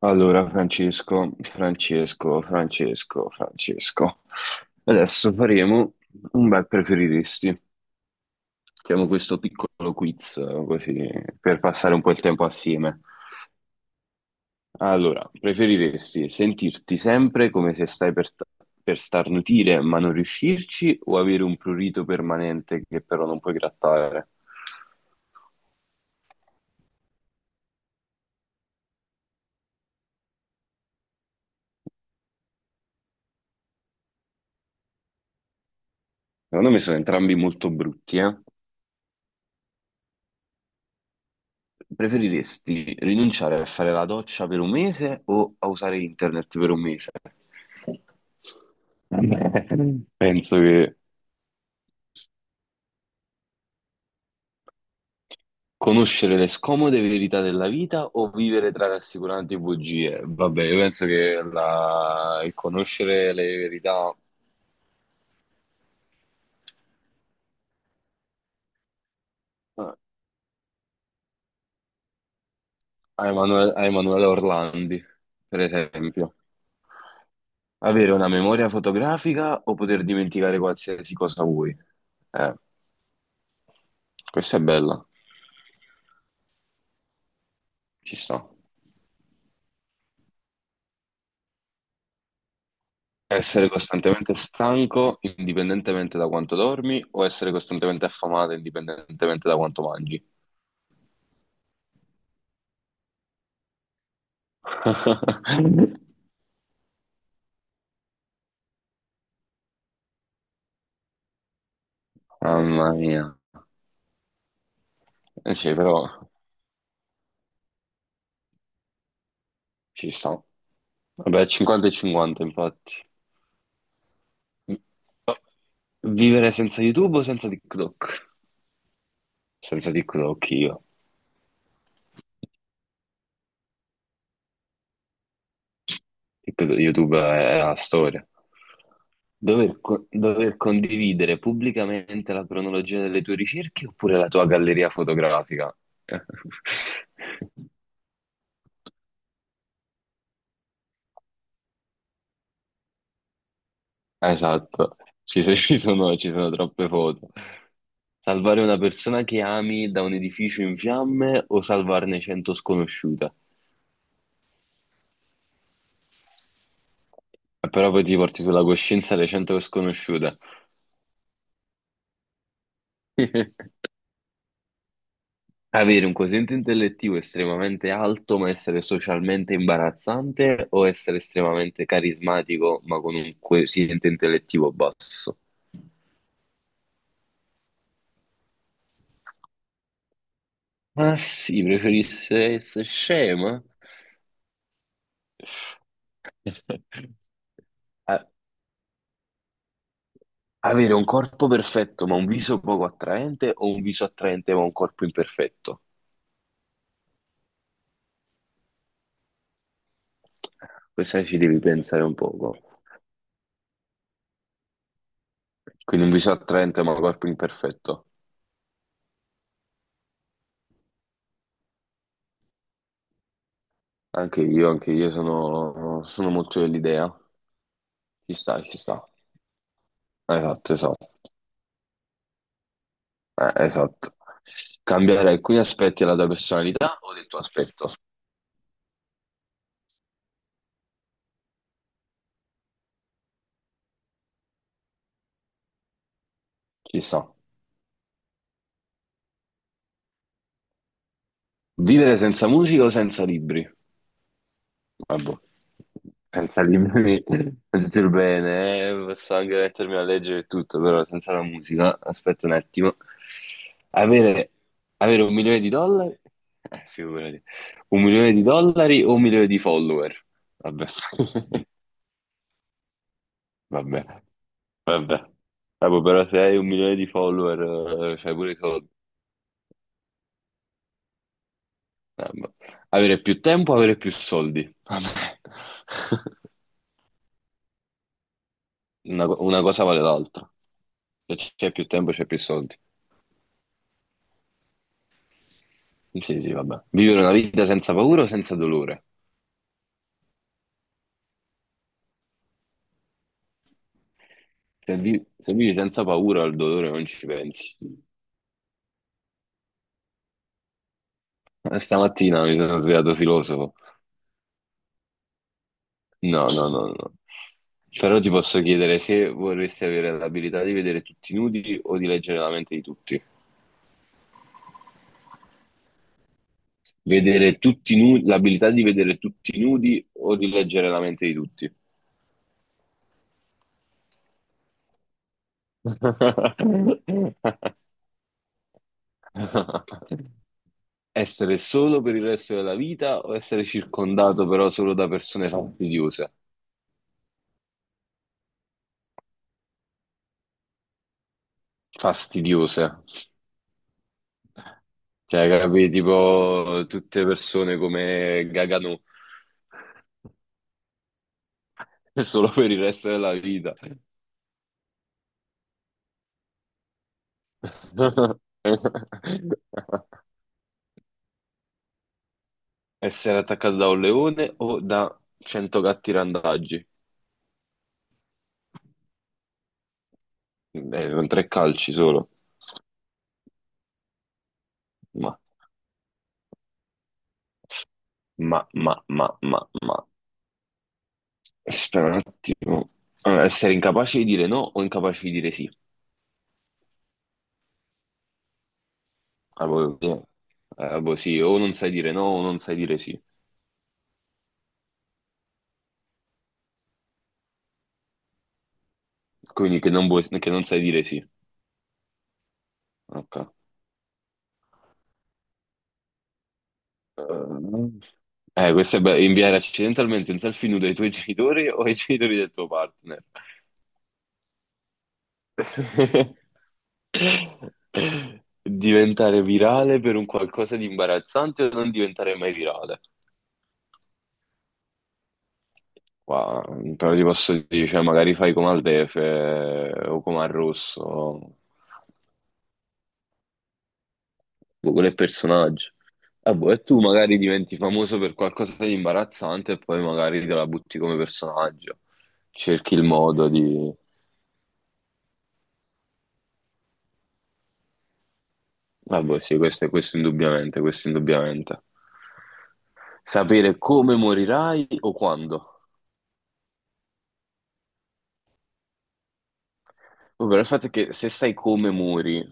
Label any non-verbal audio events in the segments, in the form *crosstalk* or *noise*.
Allora, Francesco, Francesco, Francesco, Francesco. Adesso faremo un bel preferiresti. Facciamo questo piccolo quiz, così, per passare un po' il tempo assieme. Allora, preferiresti sentirti sempre come se stai per starnutire ma non riuscirci o avere un prurito permanente che però non puoi grattare? Secondo me sono entrambi molto brutti, eh? Preferiresti rinunciare a fare la doccia per un mese o a usare internet per un mese? *laughs* Vabbè, penso che conoscere le scomode verità della vita o vivere tra rassicuranti bugie? Vabbè, io penso che il conoscere le verità eh, a Emanuele Orlandi, per esempio. Avere una memoria fotografica o poter dimenticare qualsiasi cosa vuoi? Eh, questa è bella, ci sta. Essere costantemente stanco indipendentemente da quanto dormi o essere costantemente affamato indipendentemente da quanto mangi? *laughs* Mamma mia. Eh sì, però ci sta. Vabbè, 50 e 50, infatti. Vivere senza YouTube o senza TikTok? Senza TikTok io. YouTube è la storia. Dover condividere pubblicamente la cronologia delle tue ricerche oppure la tua galleria fotografica? *laughs* Esatto, ci sono troppe foto. Salvare una persona che ami da un edificio in fiamme o salvarne 100 sconosciute? Però poi ti porti sulla coscienza le 100 sconosciute. *laughs* Avere un quoziente intellettivo estremamente alto ma essere socialmente imbarazzante o essere estremamente carismatico ma con un quoziente intellettivo basso? Ma sì, preferisse essere scema? *laughs* A- Avere un corpo perfetto ma un viso poco attraente o un viso attraente ma un corpo imperfetto? Questa ci devi pensare un poco. Quindi un viso attraente ma un corpo imperfetto. Anche io sono, sono molto dell'idea. Ci sta, ci sta. Esatto, esatto. Esatto. Cambiare alcuni aspetti della tua personalità o del tuo aspetto. Ci sta. Vivere senza musica o senza libri? Vabbè, senza libri *laughs* non c'è più bene, posso anche mettermi a leggere e tutto, però senza la musica, aspetta un attimo. Avere, avere un milione di dollari? Figurati. Un milione di dollari o un milione di follower? Vabbè, *laughs* vabbè. Vabbè, vabbè, però se hai un milione di follower, fai pure i soldi. Ma- Avere più tempo, avere più soldi. Vabbè. *laughs* Una cosa vale l'altra. Se c'è più tempo, c'è più soldi. Sì, sì, vabbè. Vivere una vita senza paura o senza dolore? Se vivi senza paura, al dolore non ci pensi. Stamattina mi sono svegliato filosofo. No, no, no, no. Però ti posso chiedere se vorresti avere l'abilità di vedere tutti nudi o di leggere la mente di tutti. Vedere tutti nudi, l'abilità di vedere tutti nudi o di leggere la mente di tutti. *laughs* Essere solo per il resto della vita o essere circondato però solo da persone fastidiose? Fastidiose. Cioè, capi, tipo tutte persone come Gagano, *laughs* solo per il resto della vita. *laughs* Essere attaccato da un leone o da 100 gatti randagi? Con tre calci solo. Ma, ma, ma. Aspetta un attimo. Allora, essere incapace di dire no o incapace di dire sì? Ah, boh, no. Ah, boh, sì, o non sai dire no o non sai dire sì. Quindi che non sai dire sì. Ok. Questo è bello. Inviare accidentalmente un selfie nudo ai tuoi *laughs* genitori o ai genitori del tuo partner. *laughs* Diventare virale per un qualcosa di imbarazzante o non diventare mai virale? Qua, però ti posso dire, cioè, magari fai come al Defe o come al Rosso, boh, quello è il personaggio. Ah, boh, e tu magari diventi famoso per qualcosa di imbarazzante e poi magari te la butti come personaggio. Cerchi il modo di... Ah, boh, sì, questo indubbiamente, questo indubbiamente. Sapere come morirai o quando. Oh, però il fatto è che se sai come muori,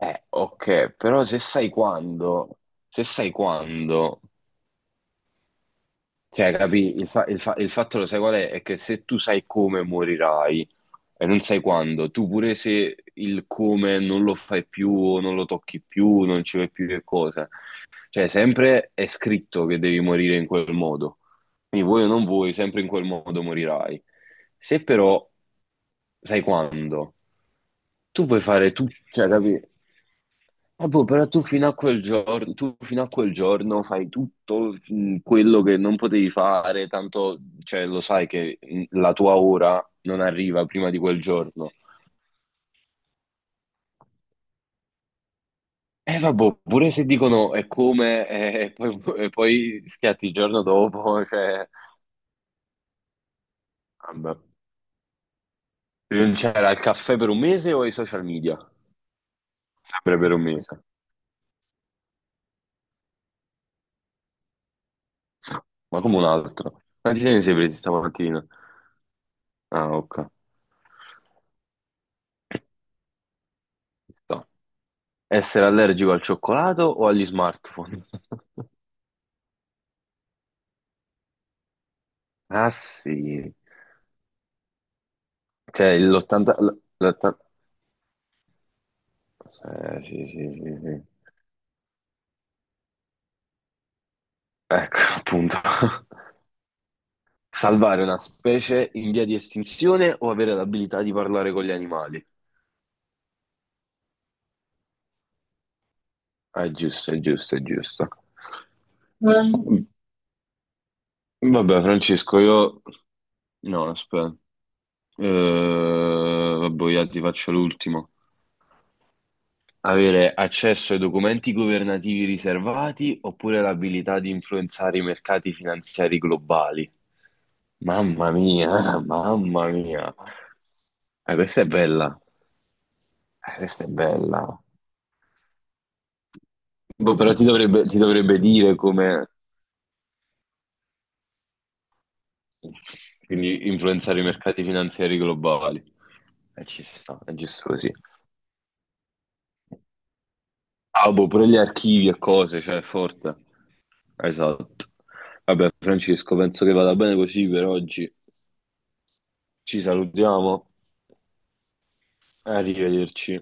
ok, però se sai quando, se sai quando. Cioè, capì? Il fatto lo sai qual è? È che se tu sai come morirai e non sai quando, tu pure se il come non lo fai più o non lo tocchi più, non ci vai più che cosa, cioè, sempre è scritto che devi morire in quel modo. Quindi vuoi o non vuoi, sempre in quel modo morirai. Se però sai quando, tu puoi fare tutto, cioè, capi? Ah, boh, però tu fino a quel giorno, tu fino a quel giorno fai tutto quello che non potevi fare, tanto, cioè, lo sai che la tua ora non arriva prima di quel giorno. E vabbè, pure se dicono è come, e poi schiatti il giorno dopo, *laughs* cioè, vabbè. Non c'era il caffè per un mese o i social media? Sempre per un mese. Ma come un altro? Quanti te ne sei presi stamattina? Ah, ok. Ci sta. Essere allergico al cioccolato o agli smartphone? *laughs* Ah, sì. Ok, l'80... sì, sì, sì, sì. Ecco, appunto. *laughs* Salvare una specie in via di estinzione o avere l'abilità di parlare con gli animali? Ah, è giusto, è giusto, è giusto. Mm. Vabbè, Francesco, io no, aspetta. Vabbè, io ti faccio l'ultimo. Avere accesso ai documenti governativi riservati oppure l'abilità di influenzare i mercati finanziari globali. Mamma mia, *laughs* mamma mia. Questa è bella. Questa è bella. Boh, però ti dovrebbe dire come quindi influenzare i mercati finanziari globali. E ci sta, è giusto così. Ah, boh, pure gli archivi e cose, cioè, è forte. Esatto. Vabbè, Francesco, penso che vada bene così per oggi. Ci salutiamo. Arrivederci.